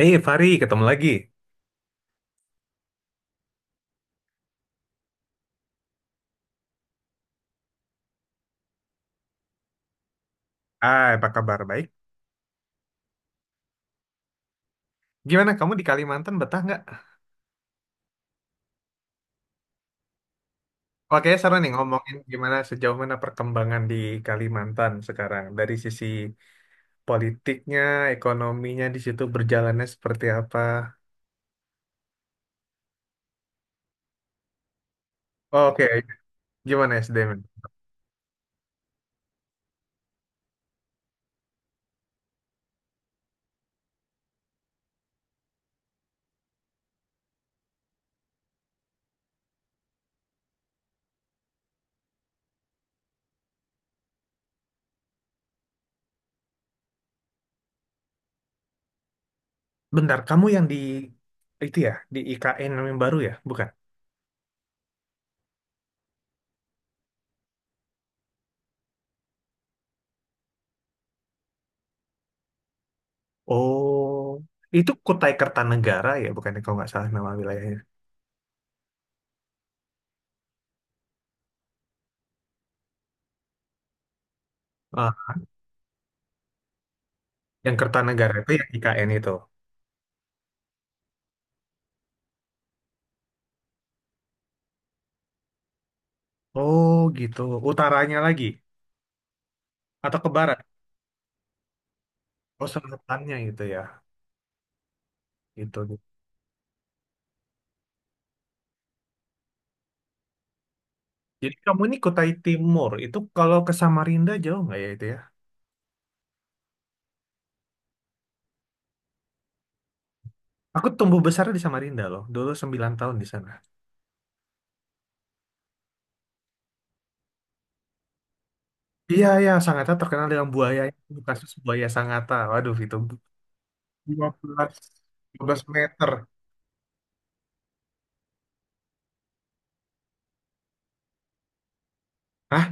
Hei Fari, ketemu lagi. Ah, apa kabar? Baik. Gimana kamu di Kalimantan betah nggak? Oke, seru nih ngomongin gimana sejauh mana perkembangan di Kalimantan sekarang. Dari sisi politiknya, ekonominya di situ berjalannya seperti apa. Oh, oke, gimana SDM? Bentar, kamu yang di itu ya, di IKN yang baru ya, bukan? Oh, itu Kutai Kertanegara ya, bukan kalau nggak salah nama wilayahnya. Ah, yang Kertanegara itu yang IKN itu. Oh, gitu. Utaranya lagi, atau ke barat? Oh, selatannya gitu ya. Itu. Jadi kamu ini Kutai Timur. Itu kalau ke Samarinda jauh nggak ya itu ya? Aku tumbuh besar di Samarinda loh. Dulu 9 tahun di sana. Iya, iya. Sangatta terkenal dengan buaya. Itu kasus buaya Sangatta. Waduh, itu 15, belas meter. Hah?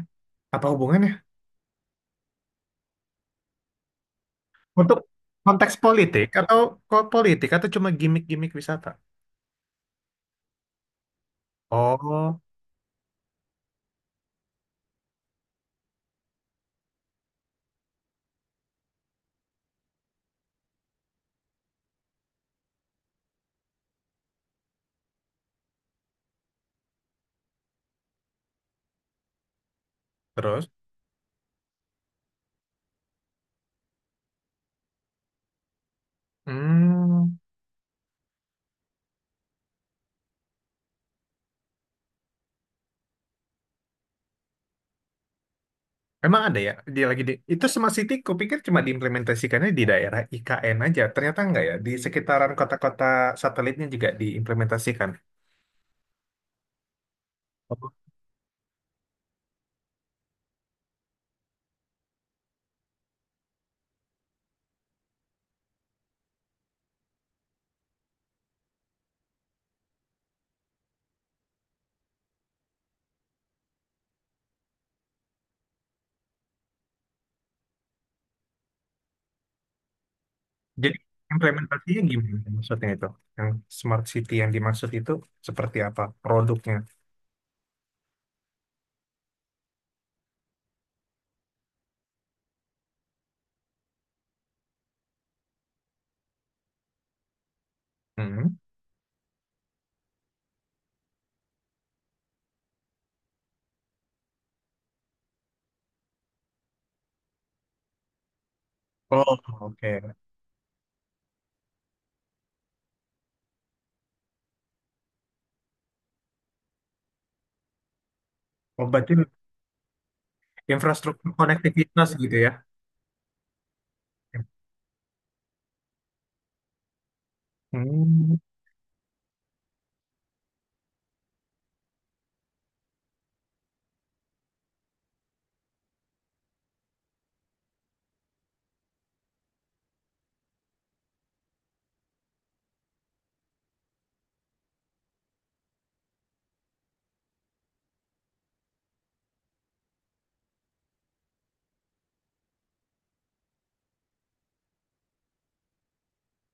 Apa hubungannya? Untuk konteks politik atau kok politik atau cuma gimmick-gimmick wisata? Oh, terus? Hmm. Emang ada ya? Dia lagi di itu Smart City, kupikir cuma diimplementasikannya di daerah IKN aja. Ternyata enggak ya. Di sekitaran kota-kota satelitnya juga diimplementasikan. Oh. Jadi implementasinya gimana maksudnya itu? Yang Smart City yang dimaksud itu seperti apa produknya? Hmm. Oh, oke. Oh, berarti infrastruktur konektivitas gitu ya? Hmm.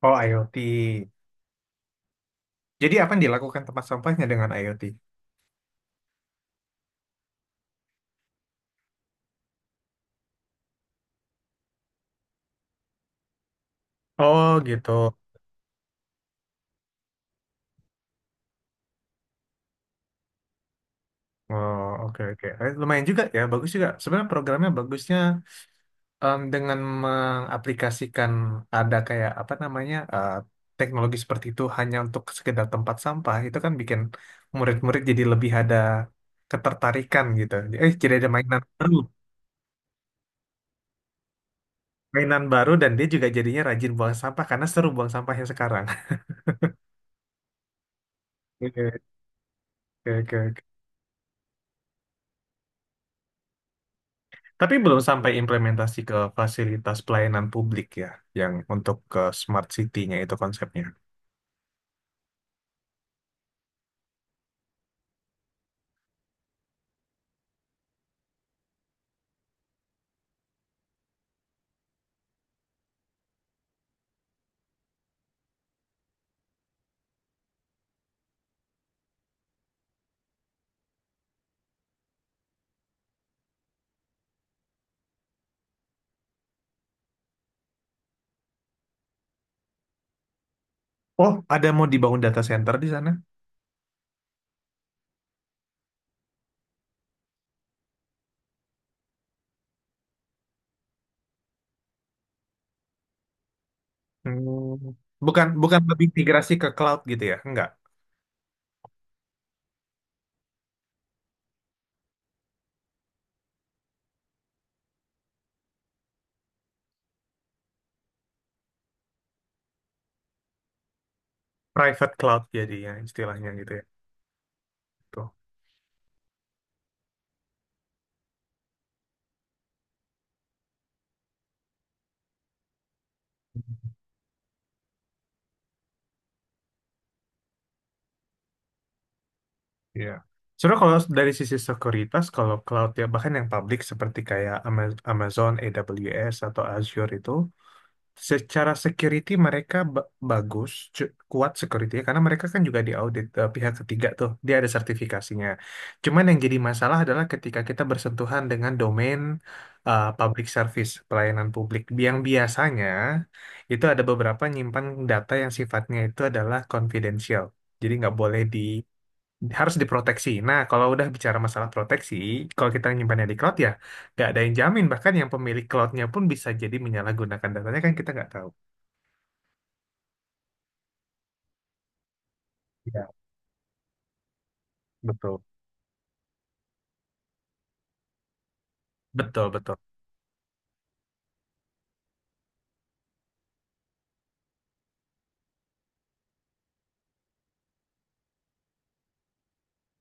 Oh, IoT. Jadi apa yang dilakukan tempat sampahnya dengan IoT? Oh, gitu. Oh, oke, oke. Lumayan juga ya, bagus juga. Sebenarnya programnya bagusnya dengan mengaplikasikan ada kayak apa namanya teknologi seperti itu hanya untuk sekedar tempat sampah, itu kan bikin murid-murid jadi lebih ada ketertarikan gitu. Jadi ada mainan baru dan dia juga jadinya rajin buang sampah karena seru buang sampahnya sekarang. Oke, oke, oke. Oke. Tapi belum sampai implementasi ke fasilitas pelayanan publik ya, yang untuk ke smart city-nya itu konsepnya. Oh, ada mau dibangun data center di sana? Hmm. Bukan, bukan lebih migrasi ke cloud gitu ya? Enggak. Private cloud jadinya istilahnya gitu ya. Tuh. Iya. Sebenarnya kalau dari sisi sekuritas, kalau cloud ya bahkan yang publik seperti kayak Amazon, AWS atau Azure itu. Secara security mereka bagus, kuat security karena mereka kan juga diaudit pihak ketiga tuh, dia ada sertifikasinya. Cuman yang jadi masalah adalah ketika kita bersentuhan dengan domain public service, pelayanan publik, yang biasanya itu ada beberapa nyimpan data yang sifatnya itu adalah confidential. Jadi nggak boleh harus diproteksi. Nah, kalau udah bicara masalah proteksi, kalau kita nyimpannya di cloud ya nggak ada yang jamin. Bahkan yang pemilik cloudnya pun bisa jadi menyalahgunakan datanya kan kita nggak tahu. Ya, betul, betul, betul.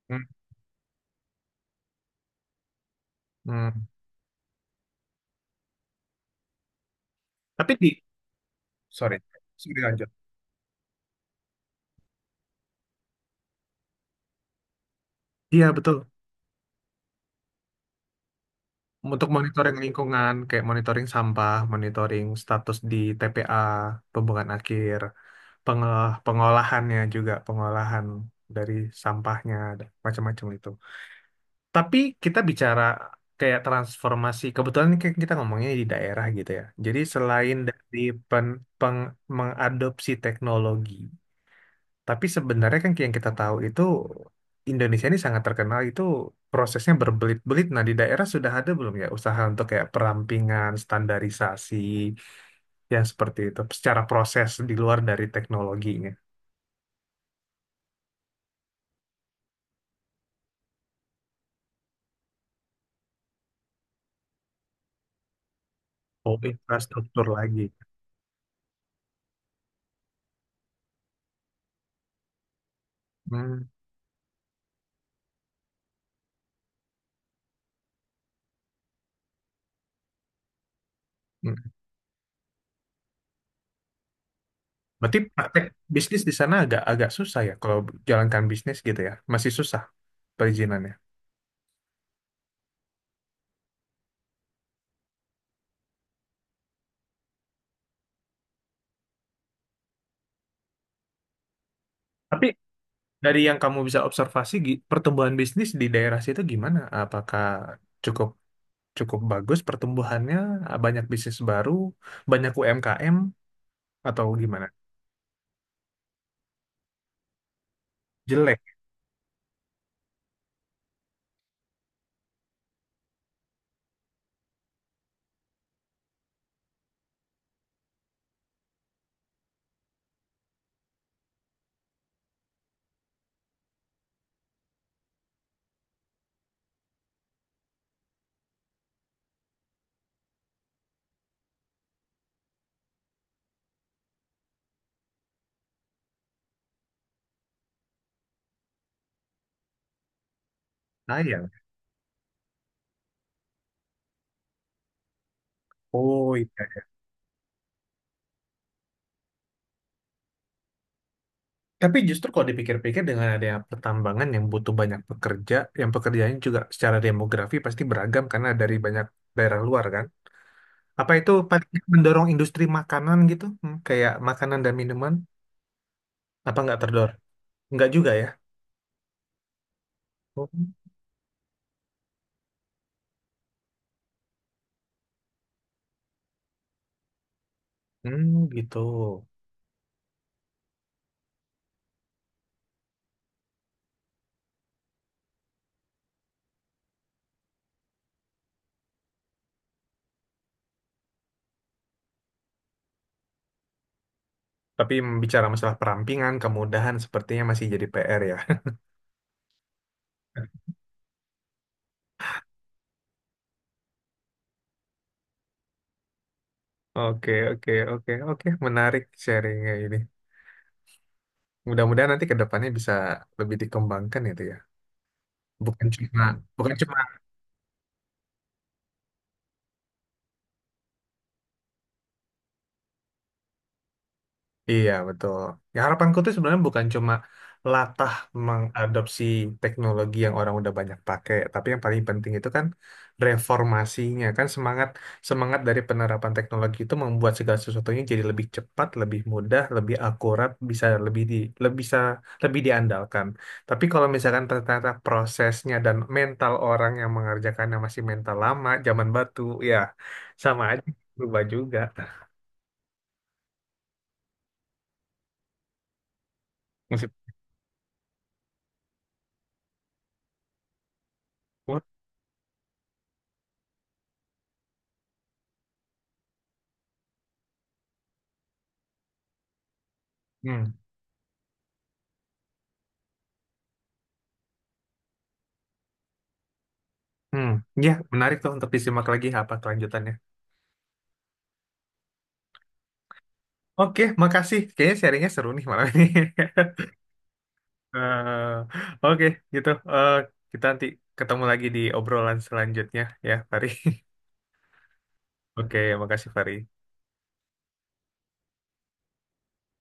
Hmm, hmm. Tapi di, sorry, sorry, lanjut. Iya betul. Untuk monitoring lingkungan, kayak monitoring sampah, monitoring status di TPA, pembuangan akhir, pengolahannya juga, pengolahan dari sampahnya, dan macam-macam itu. Tapi kita bicara kayak transformasi, kebetulan ini kan kita ngomongnya di daerah gitu ya. Jadi selain dari pen, mengadopsi teknologi, tapi sebenarnya kan yang kita tahu itu Indonesia ini sangat terkenal itu prosesnya berbelit-belit. Nah, di daerah sudah ada belum ya usaha untuk kayak perampingan, standarisasi yang seperti itu secara proses di luar dari teknologinya. Oh, infrastruktur lagi. Hmm. Berarti praktek bisnis di sana agak agak susah ya kalau jalankan bisnis gitu ya. Masih susah perizinannya. Tapi dari yang kamu bisa observasi pertumbuhan bisnis di daerah situ gimana? Apakah cukup cukup bagus pertumbuhannya? Banyak bisnis baru, banyak UMKM atau gimana? Jelek, sayang. Oh iya. Tapi justru kalau dipikir-pikir dengan adanya pertambangan yang butuh banyak pekerja, yang pekerjaannya juga secara demografi pasti beragam karena dari banyak daerah luar kan. Apa itu paling mendorong industri makanan gitu? Hmm, kayak makanan dan minuman? Apa nggak terdor? Nggak juga ya? Oh. Hmm, gitu. Tapi bicara masalah perampingan, kemudahan sepertinya masih jadi PR ya. Oke, oke, oke, oke. Menarik sharingnya ini. Mudah-mudahan nanti ke depannya bisa lebih dikembangkan itu ya. Bukan cuma bukan cuma. Iya, betul. Ya, harapanku tuh sebenarnya bukan cuma latah mengadopsi teknologi yang orang udah banyak pakai, tapi yang paling penting itu kan reformasinya, kan semangat semangat dari penerapan teknologi itu membuat segala sesuatunya jadi lebih cepat, lebih mudah, lebih akurat, bisa lebih di lebih bisa lebih diandalkan. Tapi kalau misalkan ternyata prosesnya dan mental orang yang mengerjakannya masih mental lama, zaman batu, ya sama aja berubah juga. Masih. Hmm. Hmm, ya menarik tuh untuk disimak lagi apa kelanjutannya. Oke, makasih. Kayaknya sharingnya seru nih malam ini. Eh, Oke, gitu. Kita nanti ketemu lagi di obrolan selanjutnya ya, Fari. Oke, makasih, Fari.